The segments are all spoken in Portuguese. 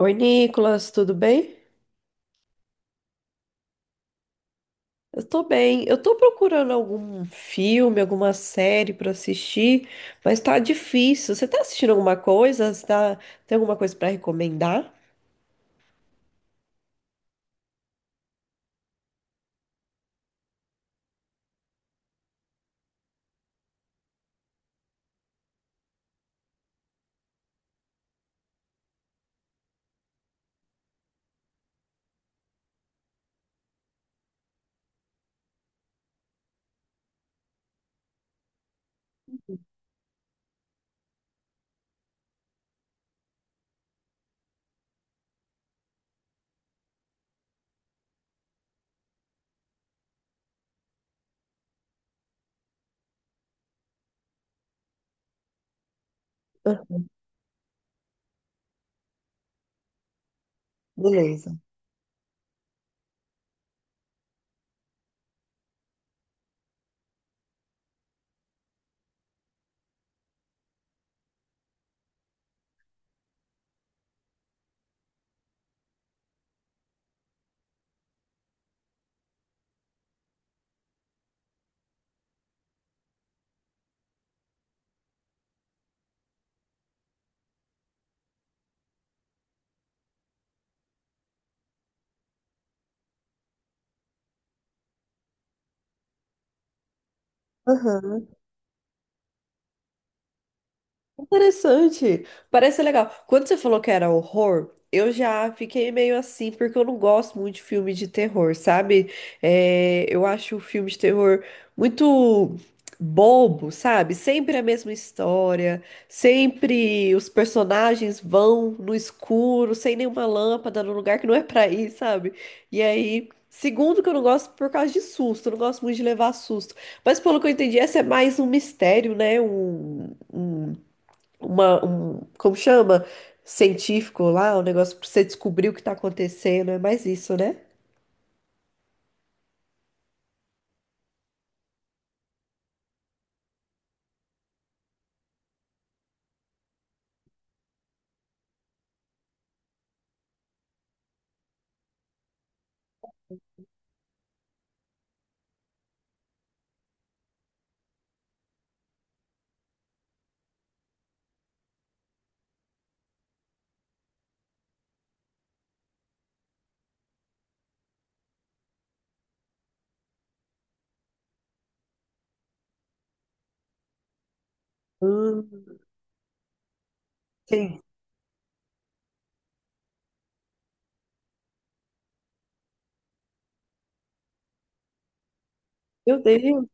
Oi, Nicolas, tudo bem? Eu tô bem. Eu tô procurando algum filme, alguma série pra assistir, mas tá difícil. Você tá assistindo alguma coisa? Você tá. Tem alguma coisa pra recomendar? Ah. Beleza. Interessante. Parece ser legal. Quando você falou que era horror, eu já fiquei meio assim, porque eu não gosto muito de filme de terror, sabe? É, eu acho o filme de terror muito bobo, sabe? Sempre a mesma história, sempre os personagens vão no escuro, sem nenhuma lâmpada, num lugar que não é pra ir, sabe? E aí. Segundo, que eu não gosto por causa de susto, eu não gosto muito de levar susto. Mas pelo que eu entendi, essa é mais um mistério, né? Como chama? Científico lá, um negócio pra você descobrir o que tá acontecendo. É mais isso, né? Hum, sim. Meu Deus.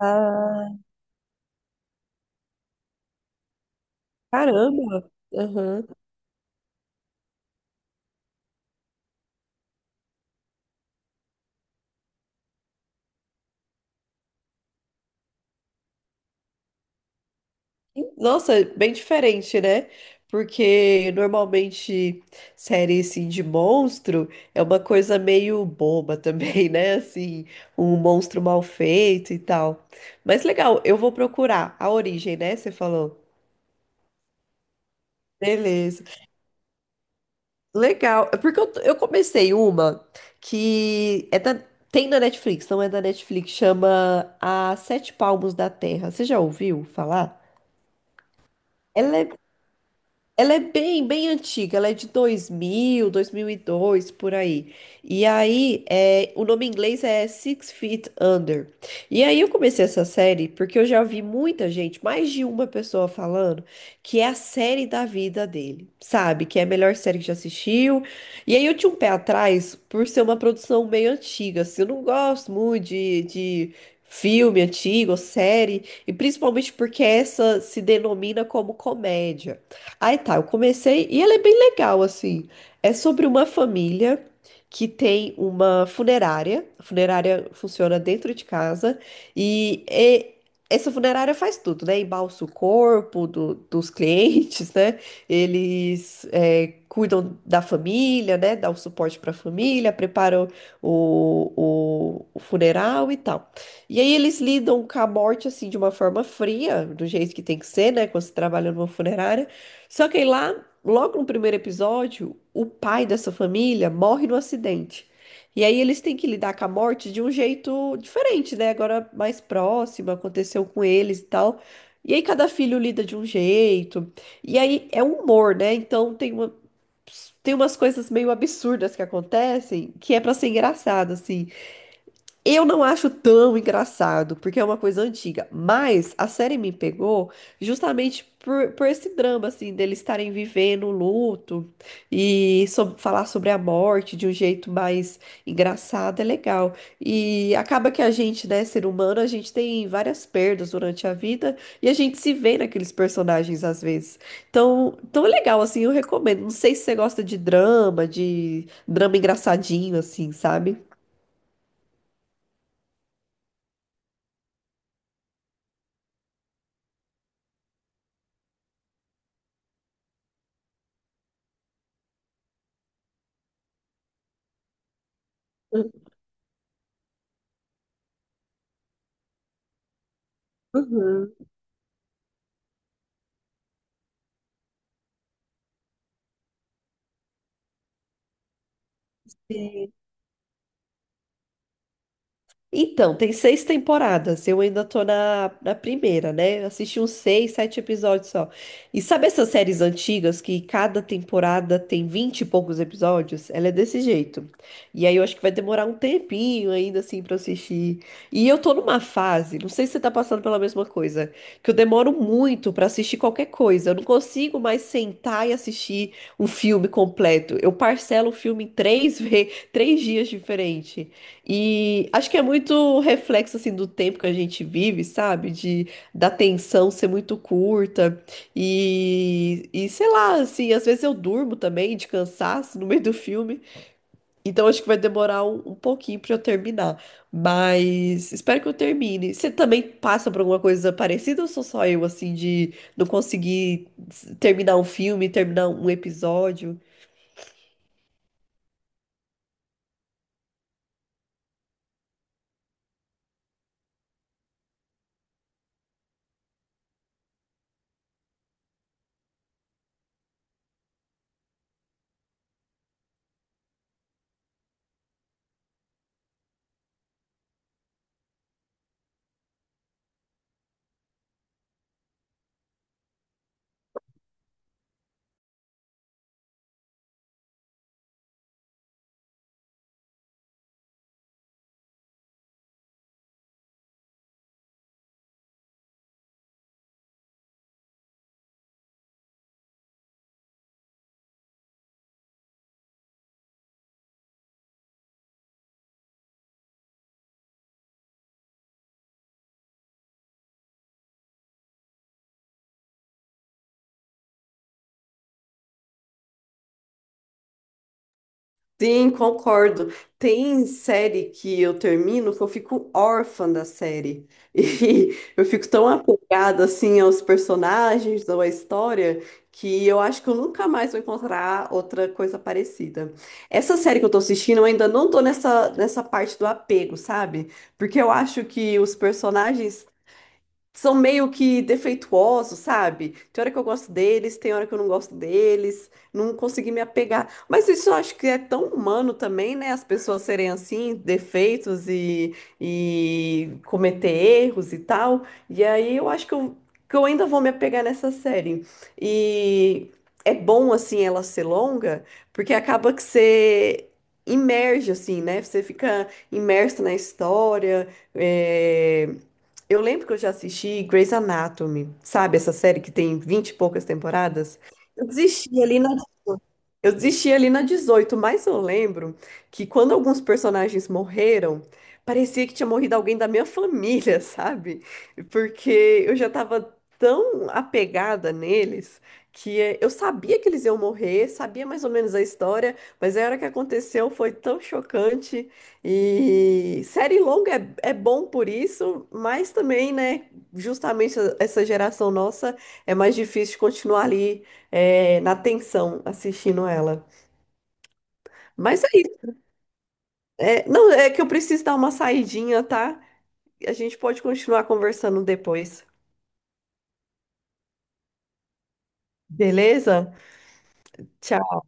Ah, caramba. Aham. Nossa, bem diferente, né? Porque normalmente série assim de monstro é uma coisa meio boba também, né? Assim, um monstro mal feito e tal. Mas legal, eu vou procurar a origem, né? Você falou. Beleza. Legal. É. Porque eu, comecei uma que é da- tem na Netflix, não é da Netflix, chama A Sete Palmos da Terra. Você já ouviu falar? Ela é ela é bem, bem antiga, ela é de dois mil, 2002, por aí. E aí, é, o nome em inglês é Six Feet Under. E aí eu comecei essa série porque eu já vi muita gente, mais de uma pessoa falando, que é a série da vida dele, sabe? Que é a melhor série que já assistiu. E aí eu tinha um pé atrás por ser uma produção meio antiga, assim, eu não gosto muito de filme antigo, série, e principalmente porque essa se denomina como comédia. Aí tá, eu comecei e ela é bem legal, assim. É sobre uma família que tem uma funerária. A funerária funciona dentro de casa e essa funerária faz tudo, né? Embalsa o corpo dos clientes, né? Eles cuidam da família, né? Dá o suporte para a família, preparam o, o o funeral e tal. E aí eles lidam com a morte, assim, de uma forma fria, do jeito que tem que ser, né? Quando você trabalha numa funerária. Só que aí lá, logo no primeiro episódio, o pai dessa família morre no acidente. E aí eles têm que lidar com a morte de um jeito diferente, né? Agora mais próximo, aconteceu com eles e tal. E aí cada filho lida de um jeito. E aí é um humor, né? Então tem umas coisas meio absurdas que acontecem que é pra ser engraçado, assim. Eu não acho tão engraçado, porque é uma coisa antiga, mas a série me pegou justamente por esse drama, assim, deles estarem vivendo o luto e falar sobre a morte de um jeito mais engraçado, é legal. E acaba que a gente, né, ser humano, a gente tem várias perdas durante a vida e a gente se vê naqueles personagens às vezes. Então, tão é legal, assim, eu recomendo. Não sei se você gosta de drama engraçadinho, assim, sabe? Uhum. Sim. Então, tem seis temporadas. Eu ainda tô na primeira, né? Eu assisti uns seis, sete episódios só. E sabe essas séries antigas que cada temporada tem vinte e poucos episódios? Ela é desse jeito. E aí eu acho que vai demorar um tempinho ainda, assim, pra eu assistir. E eu tô numa fase, não sei se você tá passando pela mesma coisa, que eu demoro muito pra assistir qualquer coisa. Eu não consigo mais sentar e assistir um filme completo. Eu parcelo o filme em 3 dias diferentes. E acho que é muito reflexo assim do tempo que a gente vive, sabe? De da tensão ser muito curta e sei lá, assim, às vezes eu durmo também de cansaço no meio do filme. Então acho que vai demorar um pouquinho pra eu terminar, mas espero que eu termine. Você também passa por alguma coisa parecida ou sou só eu assim de não conseguir terminar um filme, terminar um episódio? Sim, concordo. Tem série que eu termino que eu fico órfã da série. E eu fico tão apegada assim aos personagens ou à história que eu acho que eu nunca mais vou encontrar outra coisa parecida. Essa série que eu tô assistindo, eu ainda não tô nessa parte do apego, sabe? Porque eu acho que os personagens são meio que defeituosos, sabe? Tem hora que eu gosto deles, tem hora que eu não gosto deles, não consegui me apegar. Mas isso eu acho que é tão humano também, né? As pessoas serem assim, defeitos e cometer erros e tal. E aí eu acho que eu, ainda vou me apegar nessa série. E é bom, assim, ela ser longa, porque acaba que você. Imerge, assim, né? Você fica imerso na história, é, eu lembro que eu já assisti Grey's Anatomy, sabe? Essa série que tem 20 e poucas temporadas. Eu desisti ali na eu desisti ali na 18, mas eu lembro que quando alguns personagens morreram, parecia que tinha morrido alguém da minha família, sabe? Porque eu já tava tão apegada neles que eu sabia que eles iam morrer, sabia mais ou menos a história, mas a hora que aconteceu foi tão chocante. E série longa é bom por isso, mas também, né, justamente essa geração nossa é mais difícil de continuar ali na tensão assistindo ela. Mas é isso. É, não, é que eu preciso dar uma saidinha, tá? A gente pode continuar conversando depois. Beleza? Tchau.